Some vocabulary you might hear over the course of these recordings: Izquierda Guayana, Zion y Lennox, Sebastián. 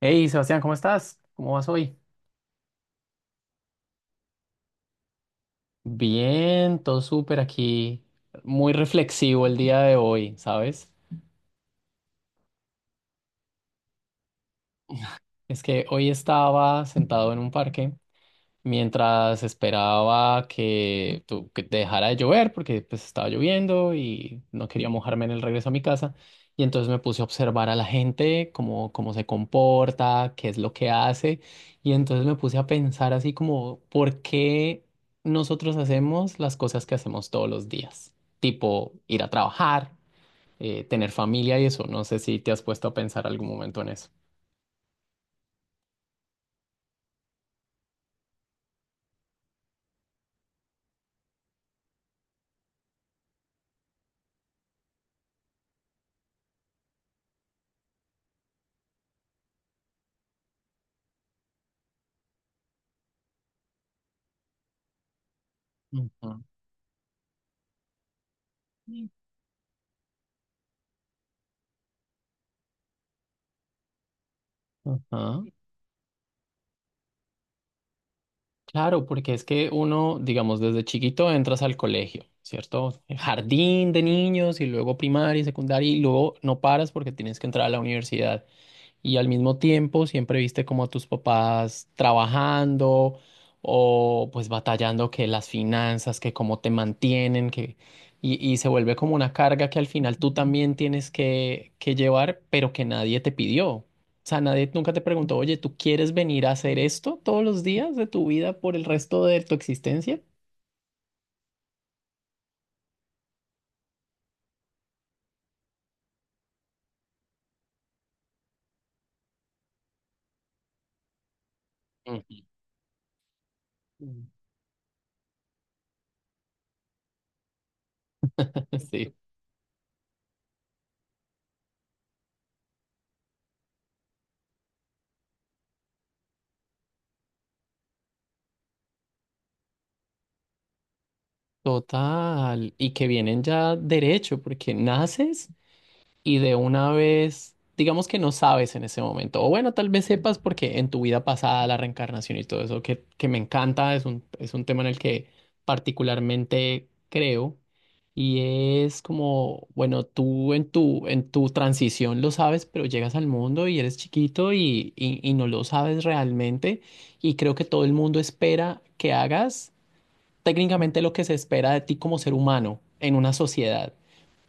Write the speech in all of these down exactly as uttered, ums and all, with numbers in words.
Hey, Sebastián, ¿cómo estás? ¿Cómo vas hoy? Bien, todo súper aquí. Muy reflexivo el día de hoy, ¿sabes? Es que hoy estaba sentado en un parque mientras esperaba que, tu- que dejara de llover, porque pues estaba lloviendo y no quería mojarme en el regreso a mi casa. Y entonces me puse a observar a la gente, cómo, cómo se comporta, qué es lo que hace. Y entonces me puse a pensar así como, ¿por qué nosotros hacemos las cosas que hacemos todos los días? Tipo ir a trabajar, eh, tener familia y eso. No sé si te has puesto a pensar algún momento en eso. Ujú. Ujú. Claro, porque es que uno, digamos, desde chiquito entras al colegio, ¿cierto? Jardín de niños y luego primaria y secundaria y luego no paras porque tienes que entrar a la universidad, y al mismo tiempo siempre viste como a tus papás trabajando o pues batallando que las finanzas, que cómo te mantienen, que y, y se vuelve como una carga que al final tú también tienes que, que llevar, pero que nadie te pidió. O sea, nadie nunca te preguntó, oye, ¿tú quieres venir a hacer esto todos los días de tu vida por el resto de tu existencia? Ujú. Sí. Total, y que vienen ya derecho, porque naces. Y de una vez, digamos que no sabes en ese momento, o bueno, tal vez sepas porque en tu vida pasada la reencarnación y todo eso que, que me encanta, es un, es un tema en el que particularmente creo, y es como, bueno, tú en tu, en tu transición lo sabes, pero llegas al mundo y eres chiquito, y, y y no lo sabes realmente, y creo que todo el mundo espera que hagas técnicamente lo que se espera de ti como ser humano en una sociedad,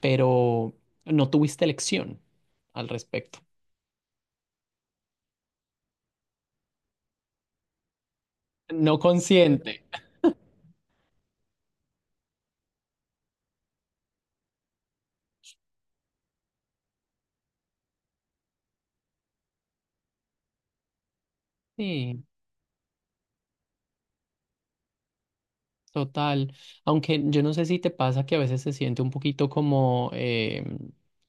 pero no tuviste elección al respecto. No consciente. Sí, total. Aunque yo no sé si te pasa que a veces se siente un poquito como eh,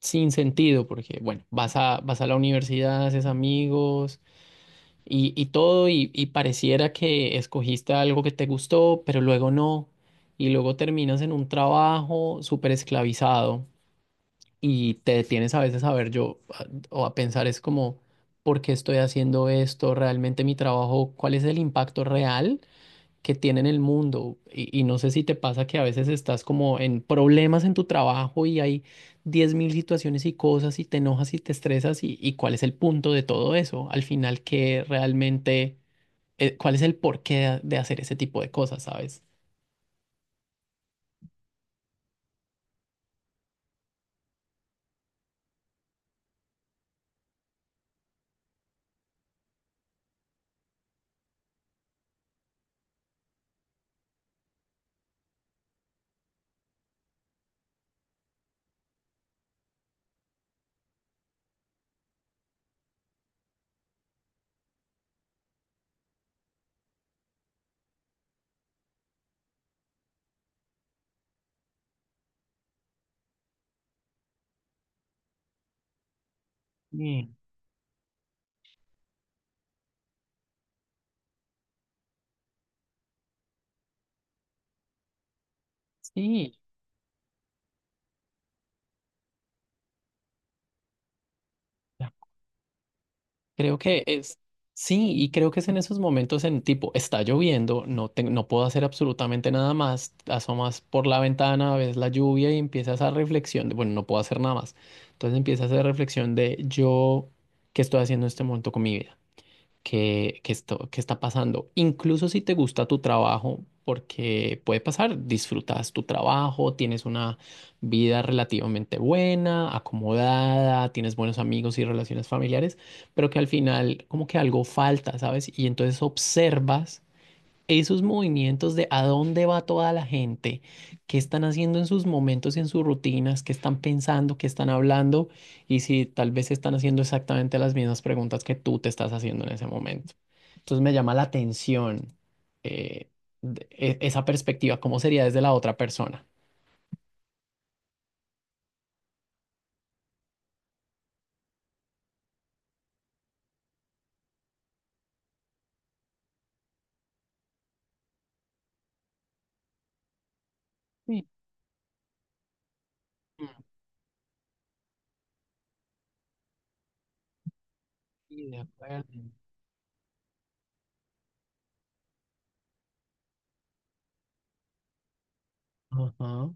sin sentido, porque bueno, vas a, vas a la universidad, haces amigos y, y todo, y, y pareciera que escogiste algo que te gustó, pero luego no. Y luego terminas en un trabajo súper esclavizado, y te detienes a veces a ver yo a- o a pensar es como, ¿por qué estoy haciendo esto? ¿Realmente mi trabajo? ¿Cuál es el impacto real que tiene en el mundo? Y, y no sé si te pasa que a veces estás como en problemas en tu trabajo y hay diez mil situaciones y cosas y te enojas y te estresas, y, y cuál es el punto de todo eso. Al final, ¿qué realmente, eh, cuál es el porqué de hacer ese tipo de cosas, sabes? Sí, sí. Creo que es, sí, y creo que es en esos momentos en tipo, está lloviendo, no, te- no puedo hacer absolutamente nada más, asomas por la ventana, ves la lluvia y empiezas a reflexión de, bueno, no puedo hacer nada más. Entonces empiezas a hacer reflexión de yo, ¿qué estoy haciendo en este momento con mi vida? que qué esto- que está pasando. Incluso si te gusta tu trabajo, porque puede pasar, disfrutas tu trabajo, tienes una vida relativamente buena, acomodada, tienes buenos amigos y relaciones familiares, pero que al final como que algo falta, ¿sabes? Y entonces observas esos movimientos de a dónde va toda la gente, qué están haciendo en sus momentos, en sus rutinas, qué están pensando, qué están hablando, y si tal vez están haciendo exactamente las mismas preguntas que tú te estás haciendo en ese momento. Entonces me llama la atención eh, de- e- esa perspectiva, cómo sería desde la otra persona. Sí. mm, sí, de acuerdo. Ajá.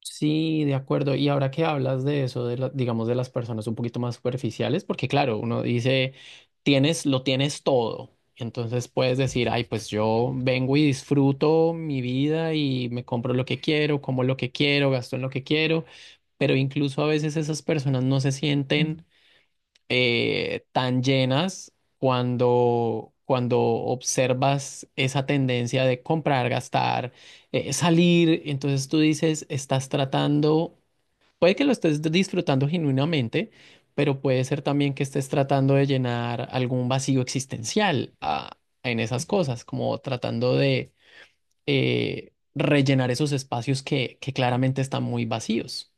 Sí, de acuerdo. Y ahora que hablas de eso, de la- digamos, de las personas un poquito más superficiales, porque claro, uno dice, tienes, lo tienes todo. Entonces puedes decir, ay, pues yo vengo y disfruto mi vida y me compro lo que quiero, como lo que quiero, gasto en lo que quiero, pero incluso a veces esas personas no se sienten eh, tan llenas cuando, cuando observas esa tendencia de comprar, gastar, eh, salir. Entonces tú dices, estás tratando, puede que lo estés disfrutando genuinamente, pero puede ser también que estés tratando de llenar algún vacío existencial ah, en esas cosas, como tratando de eh, rellenar esos espacios que, que claramente están muy vacíos.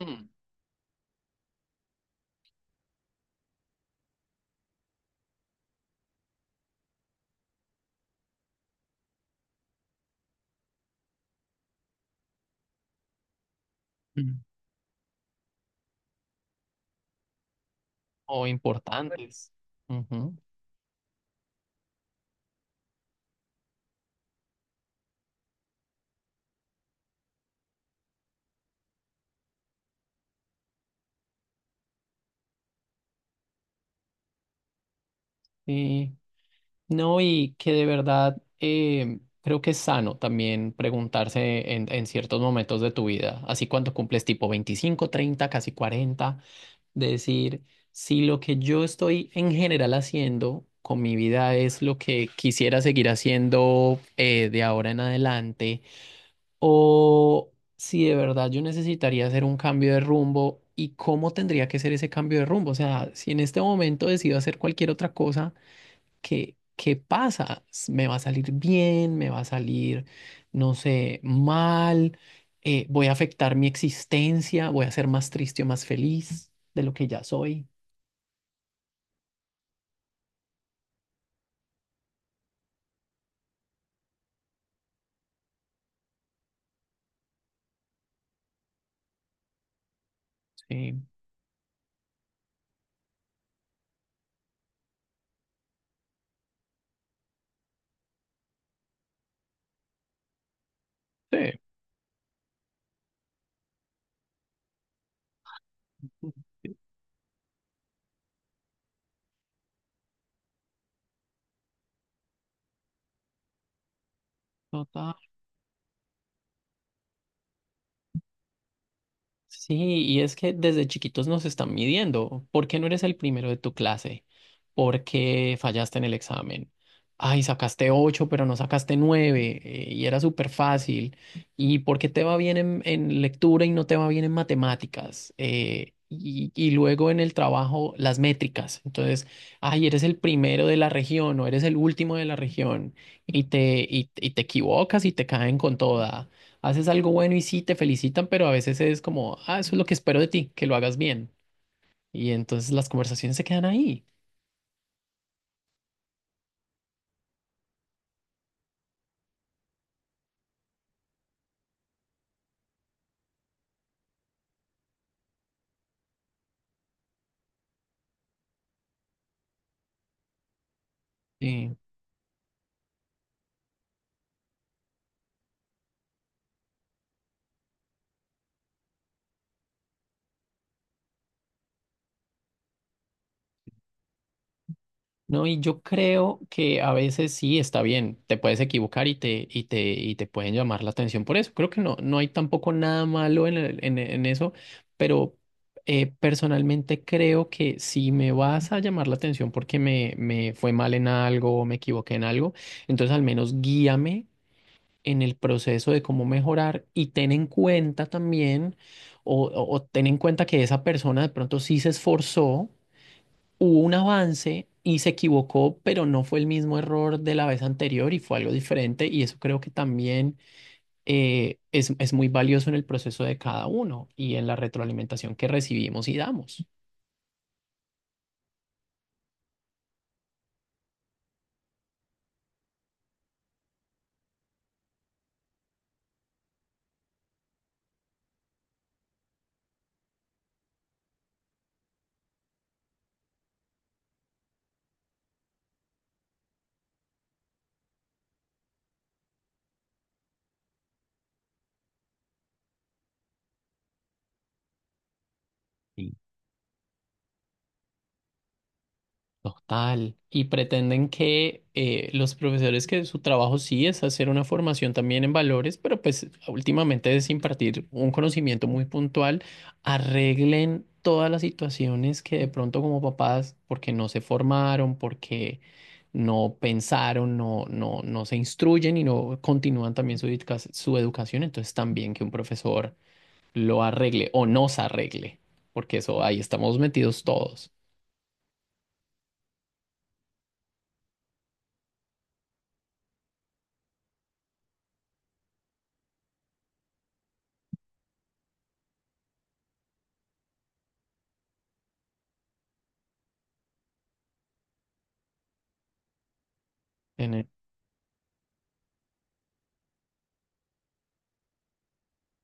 Mm. Mm. O importantes. Ujú. Sí. No, y que de verdad eh, creo que es sano también preguntarse en, en ciertos momentos de tu vida, así cuando cumples tipo veinticinco, treinta, casi cuarenta, de decir si lo que yo estoy en general haciendo con mi vida es lo que quisiera seguir haciendo eh, de ahora en adelante, o si de verdad yo necesitaría hacer un cambio de rumbo y cómo tendría que ser ese cambio de rumbo. O sea, si en este momento decido hacer cualquier otra cosa, ¿qué, qué pasa? ¿Me va a salir bien? ¿Me va a salir, no sé, mal? Eh, ¿voy a afectar mi existencia? ¿Voy a ser más triste o más feliz de lo que ya soy? Sí, sí, total. Sí, y es que desde chiquitos nos están midiendo. ¿Por qué no eres el primero de tu clase? ¿Por qué fallaste en el examen? Ay, sacaste ocho, pero no sacaste nueve, eh, y era súper fácil. ¿Y por qué te va bien en, en lectura y no te va bien en matemáticas? Eh, y, y luego en el trabajo, las métricas. Entonces, ay, eres el primero de la región o eres el último de la región, y te, y y te equivocas y te caen con toda, haces algo bueno y sí te felicitan, pero a veces es como, ah, eso es lo que espero de ti, que lo hagas bien. Y entonces las conversaciones se quedan ahí. Sí. No, y yo creo que a veces sí está bien, te puedes equivocar y te, y te, y te pueden llamar la atención por eso. Creo que no, no hay tampoco nada malo en, el- en, en eso, pero eh, personalmente creo que si me vas a llamar la atención porque me, me fue mal en algo o me equivoqué en algo, entonces al menos guíame en el proceso de cómo mejorar y ten en cuenta también, o, o- o ten en cuenta que esa persona de pronto sí se esforzó, hubo un avance y se equivocó, pero no fue el mismo error de la vez anterior y fue algo diferente, y eso creo que también eh, es, es muy valioso en el proceso de cada uno y en la retroalimentación que recibimos y damos. Total. Y pretenden que eh, los profesores, que su trabajo sí es hacer una formación también en valores, pero pues últimamente es impartir un conocimiento muy puntual, arreglen todas las situaciones que de pronto como papás, porque no se formaron, porque no pensaron, no, no, no se instruyen y no continúan también su educa- su educación, entonces también que un profesor lo arregle o nos arregle, porque eso ahí estamos metidos todos.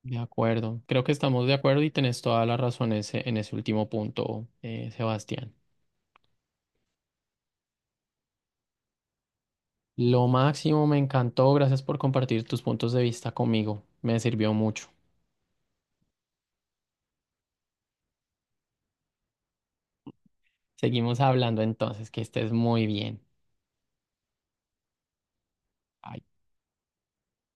De acuerdo, creo que estamos de acuerdo y tenés toda la razón ese, en ese último punto, eh, Sebastián. Lo máximo, me encantó, gracias por compartir tus puntos de vista conmigo, me sirvió mucho. Seguimos hablando entonces, que estés muy bien. Bye.